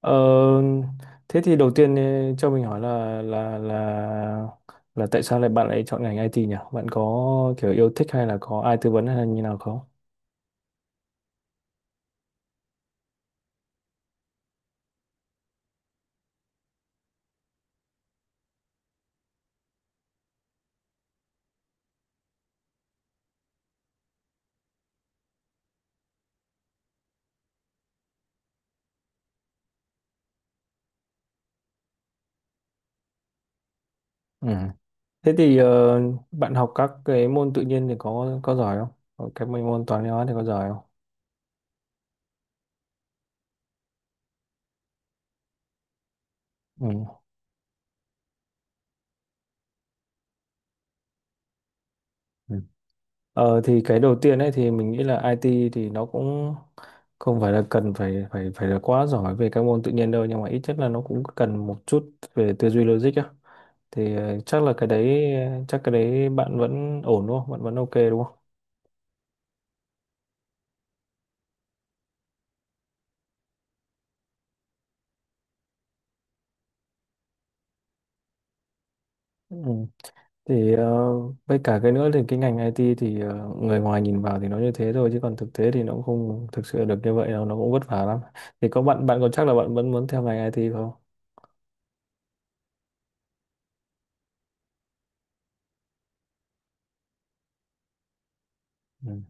Ờ, Thế thì đầu tiên cho mình hỏi là là là tại sao lại bạn lại chọn ngành IT nhỉ? Bạn có kiểu yêu thích hay là có ai tư vấn hay là như nào không? Ừ. Thế thì bạn học các cái môn tự nhiên thì có giỏi không? Có cái mấy môn toán lý hóa thì có giỏi không? Ừ. Ừ. Thì cái đầu tiên ấy thì mình nghĩ là IT thì nó cũng không phải là cần phải phải phải là quá giỏi về các môn tự nhiên đâu, nhưng mà ít nhất là nó cũng cần một chút về tư duy logic á. Thì chắc là cái đấy chắc cái đấy bạn vẫn ổn đúng không? Bạn vẫn ok đúng không? Ừ. Thì với cả cái nữa thì cái ngành IT thì người ngoài nhìn vào thì nó như thế thôi, chứ còn thực tế thì nó cũng không thực sự được như vậy đâu, nó cũng vất vả lắm. Thì có bạn bạn còn chắc là bạn vẫn muốn theo ngành IT không? Ừ.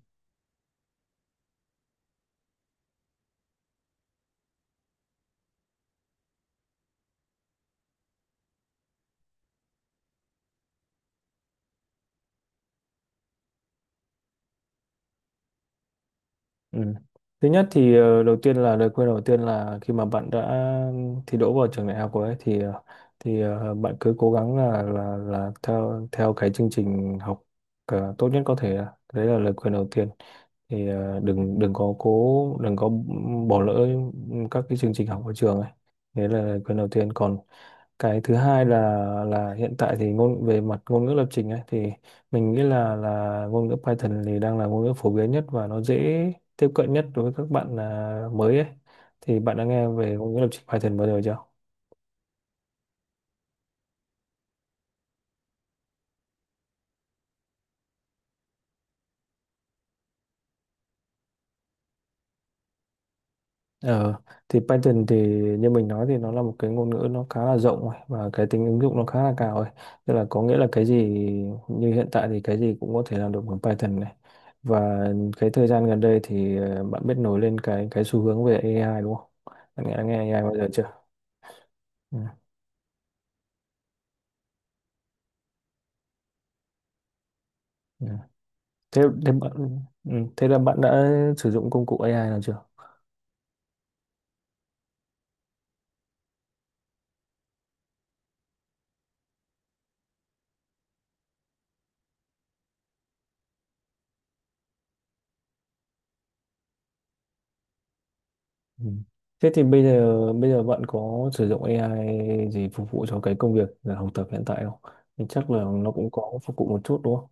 Ừ. Thứ nhất thì đầu tiên là lời khuyên đầu tiên là khi mà bạn đã thi đỗ vào trường đại học rồi ấy, bạn cứ cố gắng là là theo theo cái chương trình học tốt nhất có thể. Đấy là lời khuyên đầu tiên. Thì ờ, đừng đừng có cố đừng có bỏ lỡ các cái chương trình học ở trường ấy. Đấy là lời khuyên đầu tiên. Còn cái thứ hai là hiện tại thì về mặt ngôn ngữ lập trình ấy thì mình nghĩ là ngôn ngữ Python thì đang là ngôn ngữ phổ biến nhất và nó dễ tiếp cận nhất đối với các bạn mới ấy. Thì bạn đã nghe về ngôn ngữ lập trình Python bao giờ chưa? Ờ, thì Python thì, như mình nói, thì nó là một cái ngôn ngữ nó khá là rộng rồi và cái tính ứng dụng nó khá là cao rồi. Tức là có nghĩa là cái gì như hiện tại thì cái gì cũng có thể làm được bằng Python này. Và cái thời gian gần đây thì bạn biết nổi lên cái xu hướng về AI đúng không? Bạn nghe AI bao giờ chưa? Ừ, ừ. Thế, thế bạn ừ, thế là bạn đã sử dụng công cụ AI nào chưa? Ừ. Thế thì bây giờ bạn có sử dụng AI gì phục vụ cho cái công việc là học tập hiện tại không? Thì chắc là nó cũng có phục vụ một chút đúng không?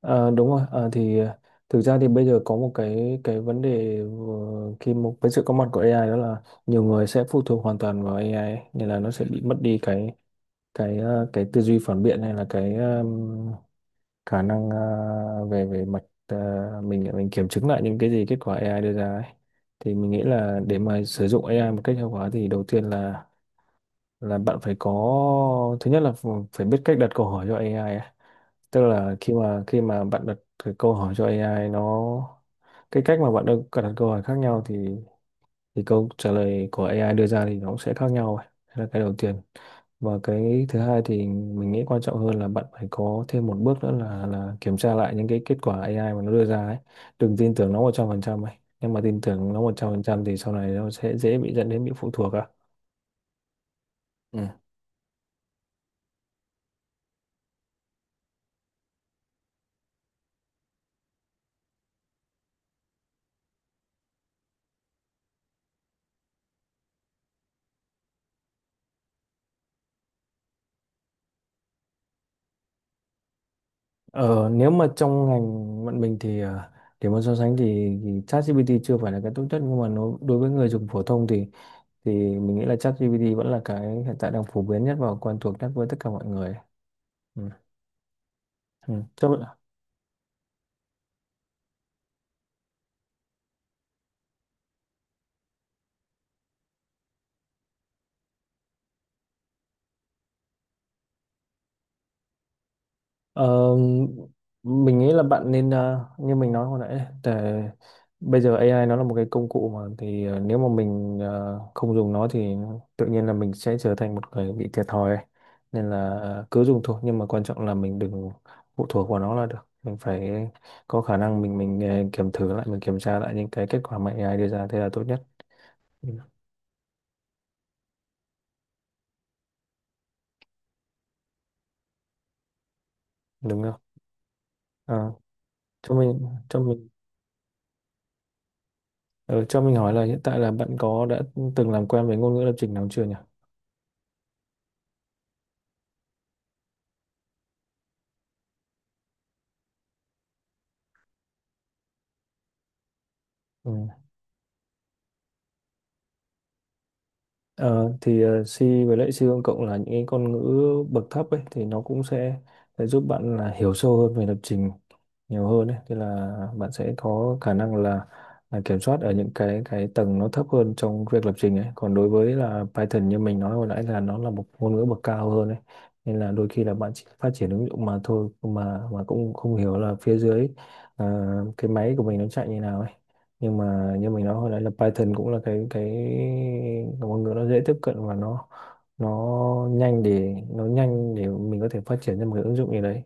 À, đúng rồi. Thực ra thì bây giờ có một cái vấn đề vừa- khi một với sự có mặt của AI, đó là nhiều người sẽ phụ thuộc hoàn toàn vào AI ấy, nên là nó sẽ bị mất đi cái cái tư duy phản biện, hay là cái khả năng về về mặt mình kiểm chứng lại những cái gì kết quả AI đưa ra ấy. Thì mình nghĩ là để mà sử dụng AI một cách hiệu quả thì đầu tiên là bạn phải có, thứ nhất là phải biết cách đặt câu hỏi cho AI ấy. Tức là khi mà bạn đặt cái câu hỏi cho AI, cái cách mà bạn đặt đặt câu hỏi khác nhau thì câu trả lời của AI đưa ra thì nó cũng sẽ khác nhau ấy. Đấy là cái đầu tiên. Và cái thứ hai thì mình nghĩ quan trọng hơn là bạn phải có thêm một bước nữa là kiểm tra lại những cái kết quả AI mà nó đưa ra ấy, đừng tin tưởng nó 100% ấy. Nhưng mà tin tưởng nó 100% thì sau này nó sẽ dễ bị dẫn đến bị phụ thuộc ừ. Ờ, nếu mà trong ngành bọn mình thì để mà so sánh thì, ChatGPT chưa phải là cái tốt nhất, nhưng mà nó đối với người dùng phổ thông thì thì mình nghĩ là ChatGPT vẫn là cái hiện tại đang phổ biến nhất và quen thuộc nhất với tất cả mọi người. Ừ. Ừ. Thế bạn- ờ, mình nghĩ là bạn nên, như mình nói hồi nãy đấy, để bây giờ AI nó là một cái công cụ mà thì nếu mà mình không dùng nó thì tự nhiên là mình sẽ trở thành một người bị thiệt thòi ấy. Nên là cứ dùng thôi, nhưng mà quan trọng là mình đừng phụ thuộc vào nó là được. Mình phải có khả năng kiểm thử lại mình kiểm tra lại những cái kết quả mà AI đưa ra, thế là tốt nhất. Ừ. Đúng không? Ờ, cho mình cho mình Ờ, cho mình hỏi là hiện tại là bạn có đã từng làm quen với ngôn ngữ lập trình nào chưa nhỉ? Ừ. C với lại C công cộng là những cái ngôn ngữ bậc thấp ấy, thì nó cũng sẽ giúp bạn là hiểu sâu hơn về lập trình nhiều hơn ấy, tức là bạn sẽ có khả năng là kiểm soát ở những cái tầng nó thấp hơn trong việc lập trình ấy. Còn đối với là Python, như mình nói hồi nãy, là nó là một ngôn ngữ bậc cao hơn ấy, nên là đôi khi là bạn chỉ phát triển ứng dụng mà thôi, mà cũng không hiểu là phía dưới ờ, cái máy của mình nó chạy như nào ấy. Nhưng mà như mình nói hồi nãy là Python cũng là cái ngôn ngữ nó dễ tiếp cận và nó nhanh, để mình có thể phát triển ra một cái ứng dụng gì đấy.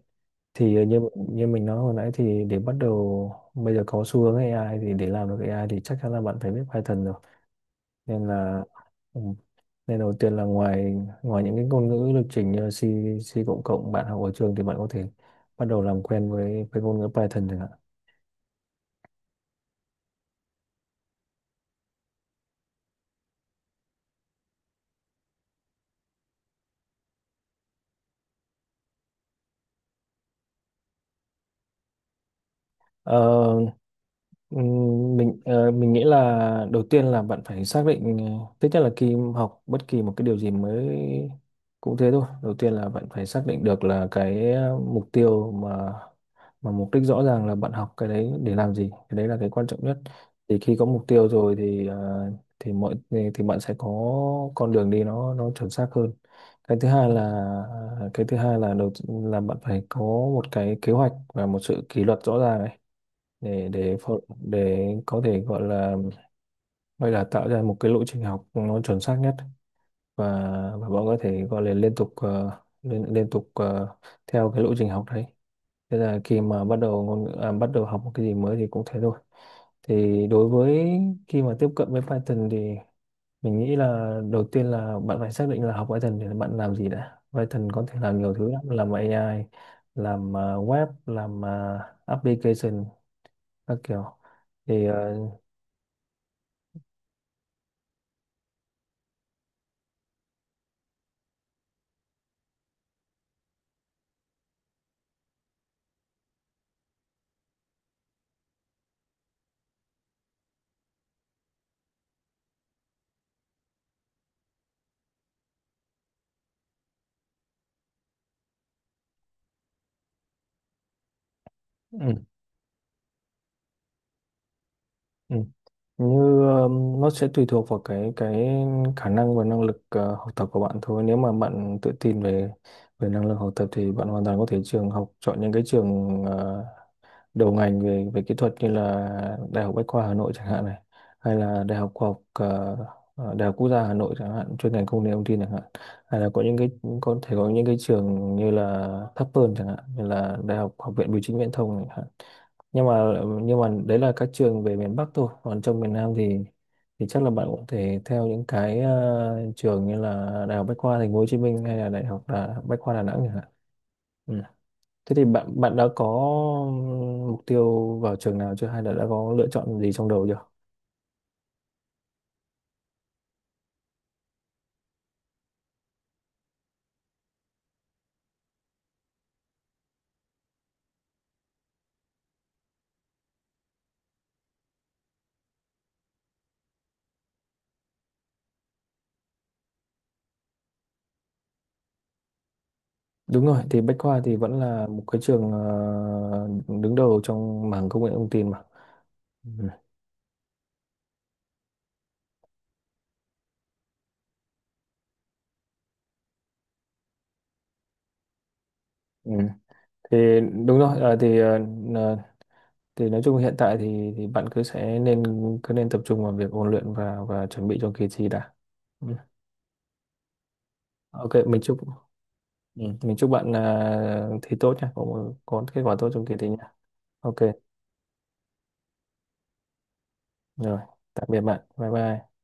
Thì như như mình nói hồi nãy thì để bắt đầu bây giờ có xu hướng AI thì để làm được AI thì chắc chắn là bạn phải biết Python rồi, nên là ừ, nên đầu tiên là ngoài ngoài những cái ngôn ngữ lập trình như là C, C cộng cộng bạn học ở trường thì bạn có thể bắt đầu làm quen với ngôn ngữ Python chẳng hạn. Ờ, mình nghĩ là đầu tiên là bạn phải xác định, thứ nhất là khi học bất kỳ một cái điều gì mới cũng thế thôi. Đầu tiên là bạn phải xác định được là cái mục tiêu mà mục đích rõ ràng là bạn học cái đấy để làm gì, cái đấy là cái quan trọng nhất. Thì khi có mục tiêu rồi thì ờ, thì mọi thì bạn sẽ có con đường đi nó chuẩn xác hơn. Cái thứ hai là ờ, cái thứ hai là là bạn phải có một cái kế hoạch và một sự kỷ luật rõ ràng để để phô- để có thể gọi là tạo ra một cái lộ trình học nó chuẩn xác nhất, và bọn có thể gọi là liên tục theo cái lộ trình học đấy. Thế là khi mà bắt đầu bắt đầu học một cái gì mới thì cũng thế thôi. Thì đối với khi mà tiếp cận với Python thì mình nghĩ là đầu tiên là bạn phải xác định là học Python để bạn làm gì đã. Python có thể làm nhiều thứ lắm, làm AI, làm web, làm application, các kiểu thì ừ. Ừ. như nó sẽ tùy thuộc vào cái khả năng và năng lực học tập của bạn thôi. Nếu mà bạn tự tin về về năng lực học tập thì bạn hoàn toàn có thể trường học chọn những cái trường đầu ngành về về kỹ thuật, như là Đại học Bách khoa Hà Nội chẳng hạn này, hay là Đại học Khoa học ờ, ờ, Đại học Quốc gia Hà Nội chẳng hạn, chuyên ngành công nghệ thông tin chẳng hạn, hay là có thể có những cái trường như là thấp hơn chẳng hạn, như là Đại học Học viện Bưu chính Viễn thông chẳng hạn. Nhưng mà nhưng mà đấy là các trường về miền Bắc thôi, còn trong miền Nam thì chắc là bạn cũng thể theo những cái trường như là Đại học Bách khoa Thành phố Hồ Chí Minh, hay là Bách khoa Đà Nẵng chẳng hạn. Ừ. Thế thì bạn bạn đã có mục tiêu vào trường nào chưa, hay là đã có lựa chọn gì trong đầu chưa? Đúng rồi, thì Bách Khoa thì vẫn là một cái trường đứng đầu trong mảng công nghệ thông tin mà. Ừ. Ừ. Thì đúng rồi, ờ, thì nói chung hiện tại thì bạn cứ nên tập trung vào việc ôn luyện và chuẩn bị cho kỳ thi đã. Ừ. Ok, mình chúc ừ. mình chúc bạn thi tốt nha, có kết quả tốt trong kỳ thi nha. Ok, rồi, tạm biệt bạn. Bye bye.